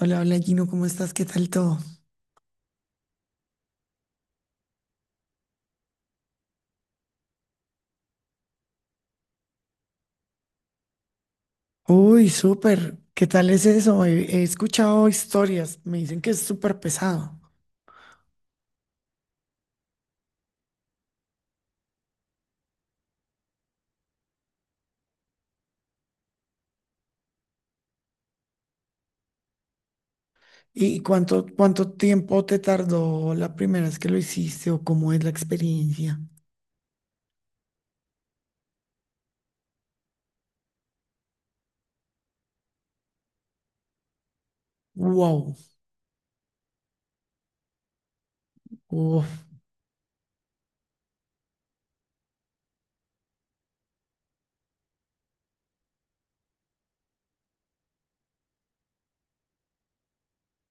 Hola, hola Gino, ¿cómo estás? ¿Qué tal todo? Uy, súper. ¿Qué tal es eso? He escuchado historias, me dicen que es súper pesado. ¿Y cuánto tiempo te tardó la primera vez que lo hiciste o cómo es la experiencia? Wow, wow,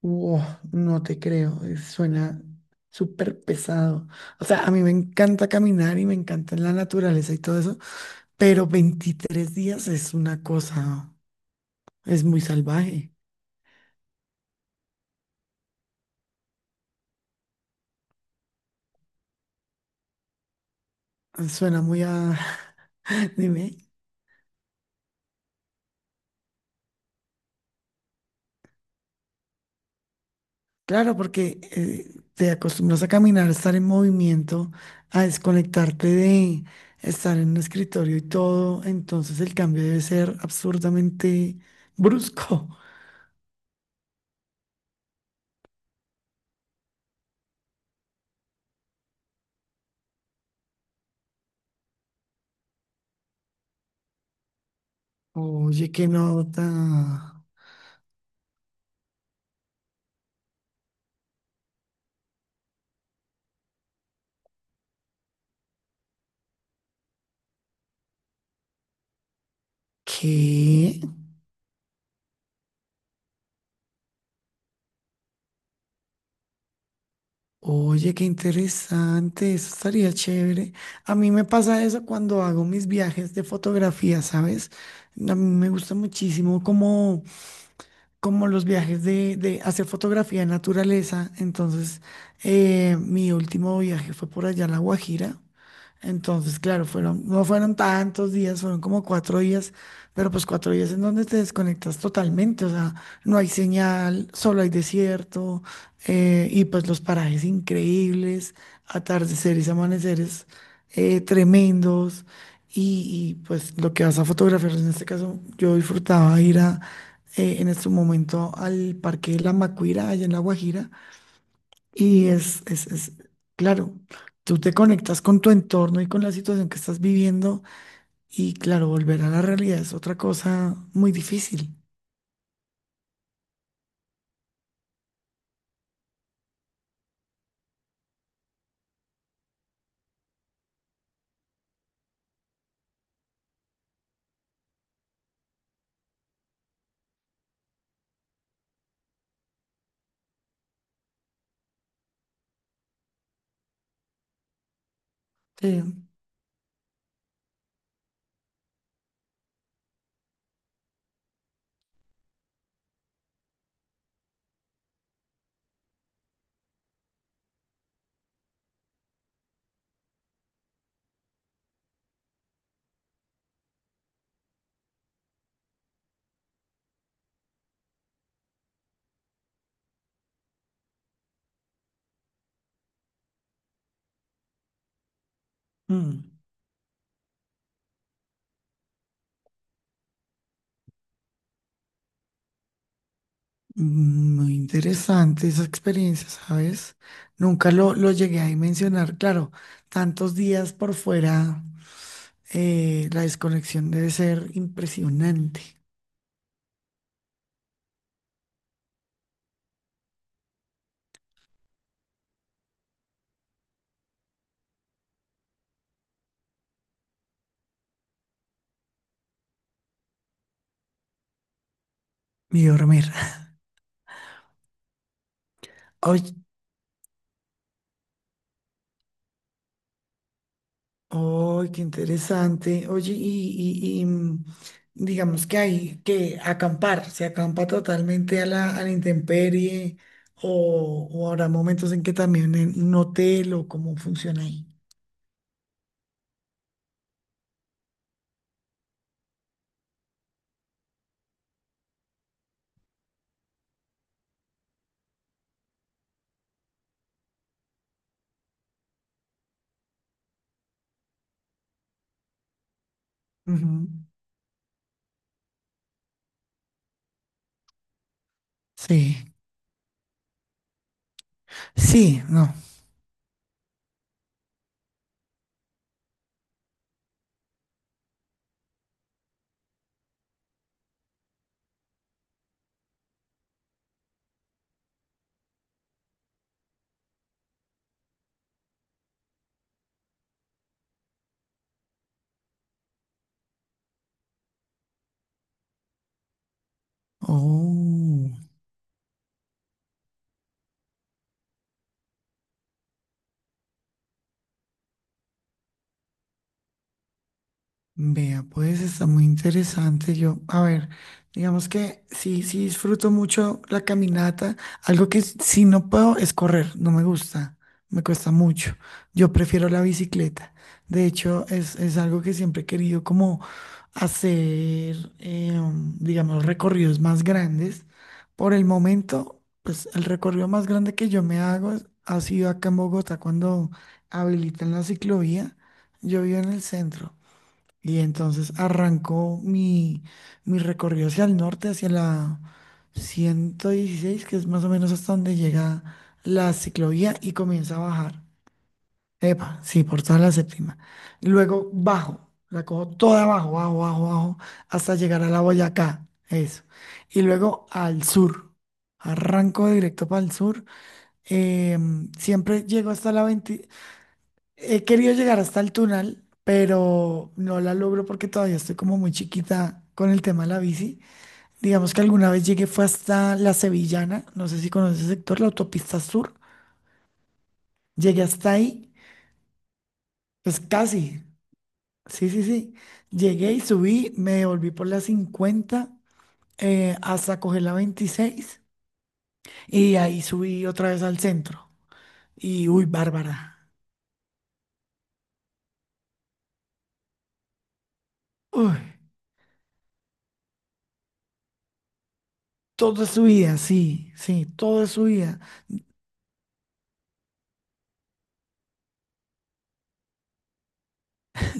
wow, no te creo, suena súper pesado. O sea, a mí me encanta caminar y me encanta la naturaleza y todo eso, pero 23 días es una cosa, es muy salvaje. Suena muy a, Dime, claro, porque te acostumbras a caminar, a estar en movimiento, a desconectarte de estar en un escritorio y todo, entonces el cambio debe ser absurdamente brusco. Oye, qué nota. ¿Qué? Oye, qué interesante, eso estaría chévere. A mí me pasa eso cuando hago mis viajes de fotografía, ¿sabes? A mí me gusta muchísimo como los viajes de hacer fotografía de naturaleza. Entonces, mi último viaje fue por allá a La Guajira. Entonces, claro, fueron, no fueron tantos días, fueron como cuatro días, pero pues cuatro días en donde te desconectas totalmente, o sea, no hay señal, solo hay desierto, y pues los parajes increíbles, atardeceres, amaneceres tremendos, y pues lo que vas a fotografiar, en este caso, yo disfrutaba ir a, en este momento al Parque de la Macuira, allá en La Guajira, y es claro, tú te conectas con tu entorno y con la situación que estás viviendo y claro, volver a la realidad es otra cosa muy difícil. Sí. Mm. Muy interesante esa experiencia, ¿sabes? Nunca lo llegué a dimensionar, claro, tantos días por fuera, la desconexión debe ser impresionante. Mi dormir. Oye, oh, qué interesante. Oye, digamos que hay que acampar, se acampa totalmente a la intemperie, o habrá momentos en que también en un hotel o cómo funciona ahí. Ujú. Sí, sí, no. Oh. Vea, pues está muy interesante. Yo, a ver, digamos que sí, sí disfruto mucho la caminata. Algo que sí no puedo es correr, no me gusta, me cuesta mucho. Yo prefiero la bicicleta. De hecho, es algo que siempre he querido como hacer, digamos, recorridos más grandes. Por el momento, pues el recorrido más grande que yo me hago ha sido acá en Bogotá cuando habilitan la ciclovía. Yo vivo en el centro. Y entonces arrancó mi recorrido hacia el norte, hacia la 116 que es más o menos hasta donde llega la ciclovía y comienza a bajar. Epa, sí, por toda la séptima. Y luego bajo, la cojo toda abajo, bajo, hasta llegar a la Boyacá. Eso. Y luego al sur. Arranco directo para el sur. Siempre llego hasta la 20. He querido llegar hasta el túnel, pero no la logro porque todavía estoy como muy chiquita con el tema de la bici. Digamos que alguna vez llegué fue hasta la Sevillana, no sé si conoces el sector, la autopista sur. Llegué hasta ahí, pues casi, sí, sí, sí. Llegué y subí, me volví por la 50 hasta coger la 26 y ahí subí otra vez al centro. Y uy, Bárbara, uy, todo es subida, sí, sí, todo es subida.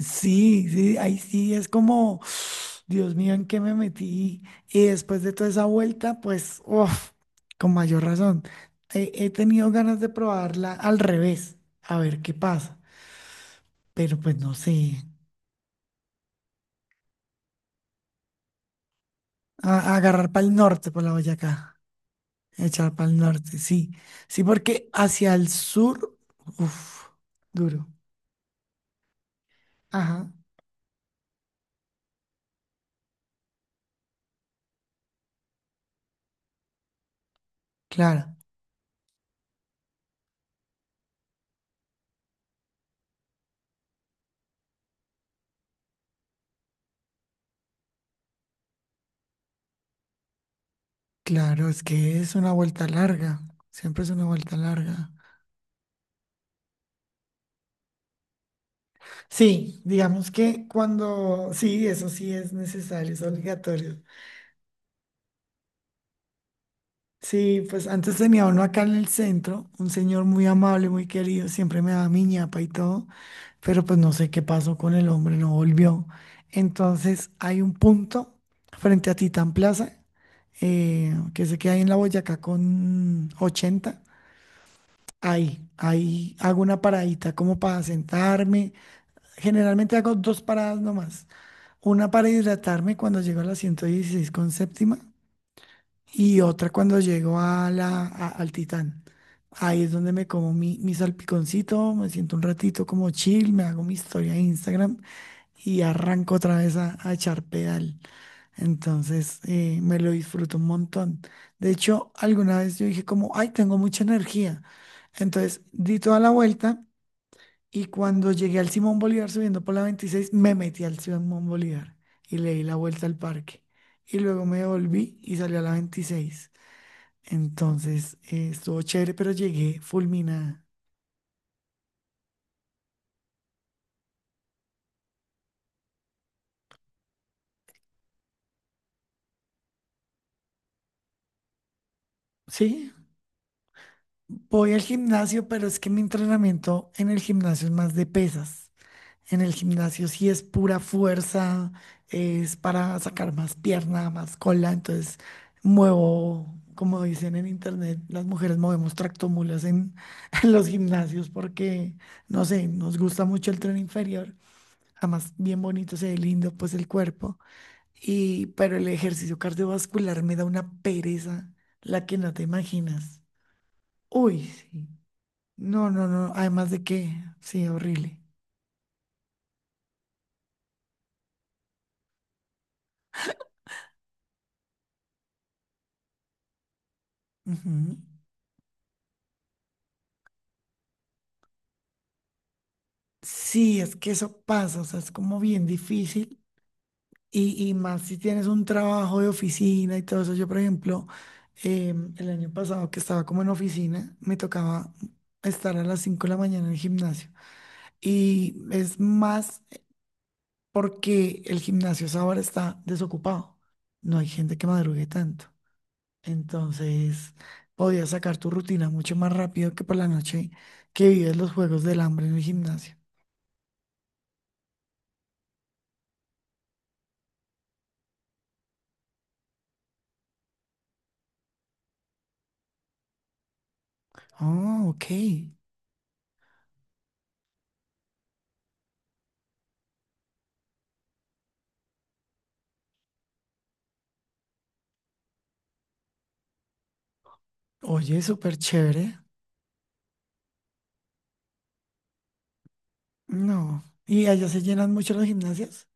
Sí, sí, ahí sí es como, Dios mío, ¿en qué me metí? Y después de toda esa vuelta, pues, uf, con mayor razón, he tenido ganas de probarla al revés, a ver qué pasa, pero pues no sé, a agarrar para el norte por la Boyacá, echar para el norte, sí, sí, porque hacia el sur, uff, duro, ajá, claro, claro, es que es una vuelta larga, siempre es una vuelta larga. Sí, digamos que cuando, sí, eso sí es necesario, es obligatorio. Sí, pues antes tenía uno acá en el centro, un señor muy amable, muy querido, siempre me daba mi ñapa y todo, pero pues no sé qué pasó con el hombre, no volvió. Entonces hay un punto frente a Titán Plaza, que sé que hay en la Boyacá con 80. Ahí hago una paradita como para sentarme. Generalmente hago dos paradas nomás. Una para hidratarme cuando llego a la 116 con séptima y otra cuando llego a al Titán. Ahí es donde me como mi salpiconcito, me siento un ratito como chill, me hago mi historia de Instagram y arranco otra vez a echar pedal. Entonces me lo disfruto un montón. De hecho, alguna vez yo dije como, ay, tengo mucha energía. Entonces di toda la vuelta y cuando llegué al Simón Bolívar subiendo por la 26, me metí al Simón Bolívar y le di la vuelta al parque. Y luego me volví y salí a la 26. Entonces, estuvo chévere, pero llegué fulminada. Sí, voy al gimnasio, pero es que mi entrenamiento en el gimnasio es más de pesas. En el gimnasio sí es pura fuerza, es para sacar más pierna, más cola, entonces muevo, como dicen en internet, las mujeres movemos tractomulas en, en los gimnasios porque, no sé, nos gusta mucho el tren inferior, además bien bonito, se ve lindo pues el cuerpo, y, pero el ejercicio cardiovascular me da una pereza, la que no te imaginas. Uy, sí. No, no, no, además de que, sí, horrible. Ujú. Sí, es que eso pasa, o sea, es como bien difícil y más si tienes un trabajo de oficina y todo eso. Yo, por ejemplo, el año pasado que estaba como en oficina, me tocaba estar a las 5 de la mañana en el gimnasio y es más porque el gimnasio a esa hora está desocupado, no hay gente que madrugue tanto. Entonces, podías sacar tu rutina mucho más rápido que por la noche que vives los juegos del hambre en el gimnasio. Oh, ok. Oye, súper chévere. No. ¿Y allá se llenan mucho las gimnasias?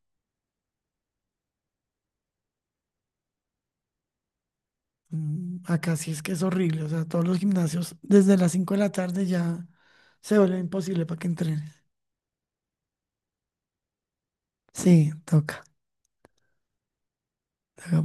Mm, acá sí es que es horrible. O sea, todos los gimnasios desde las 5 de la tarde ya se vuelve imposible para que entrenes. Sí, toca.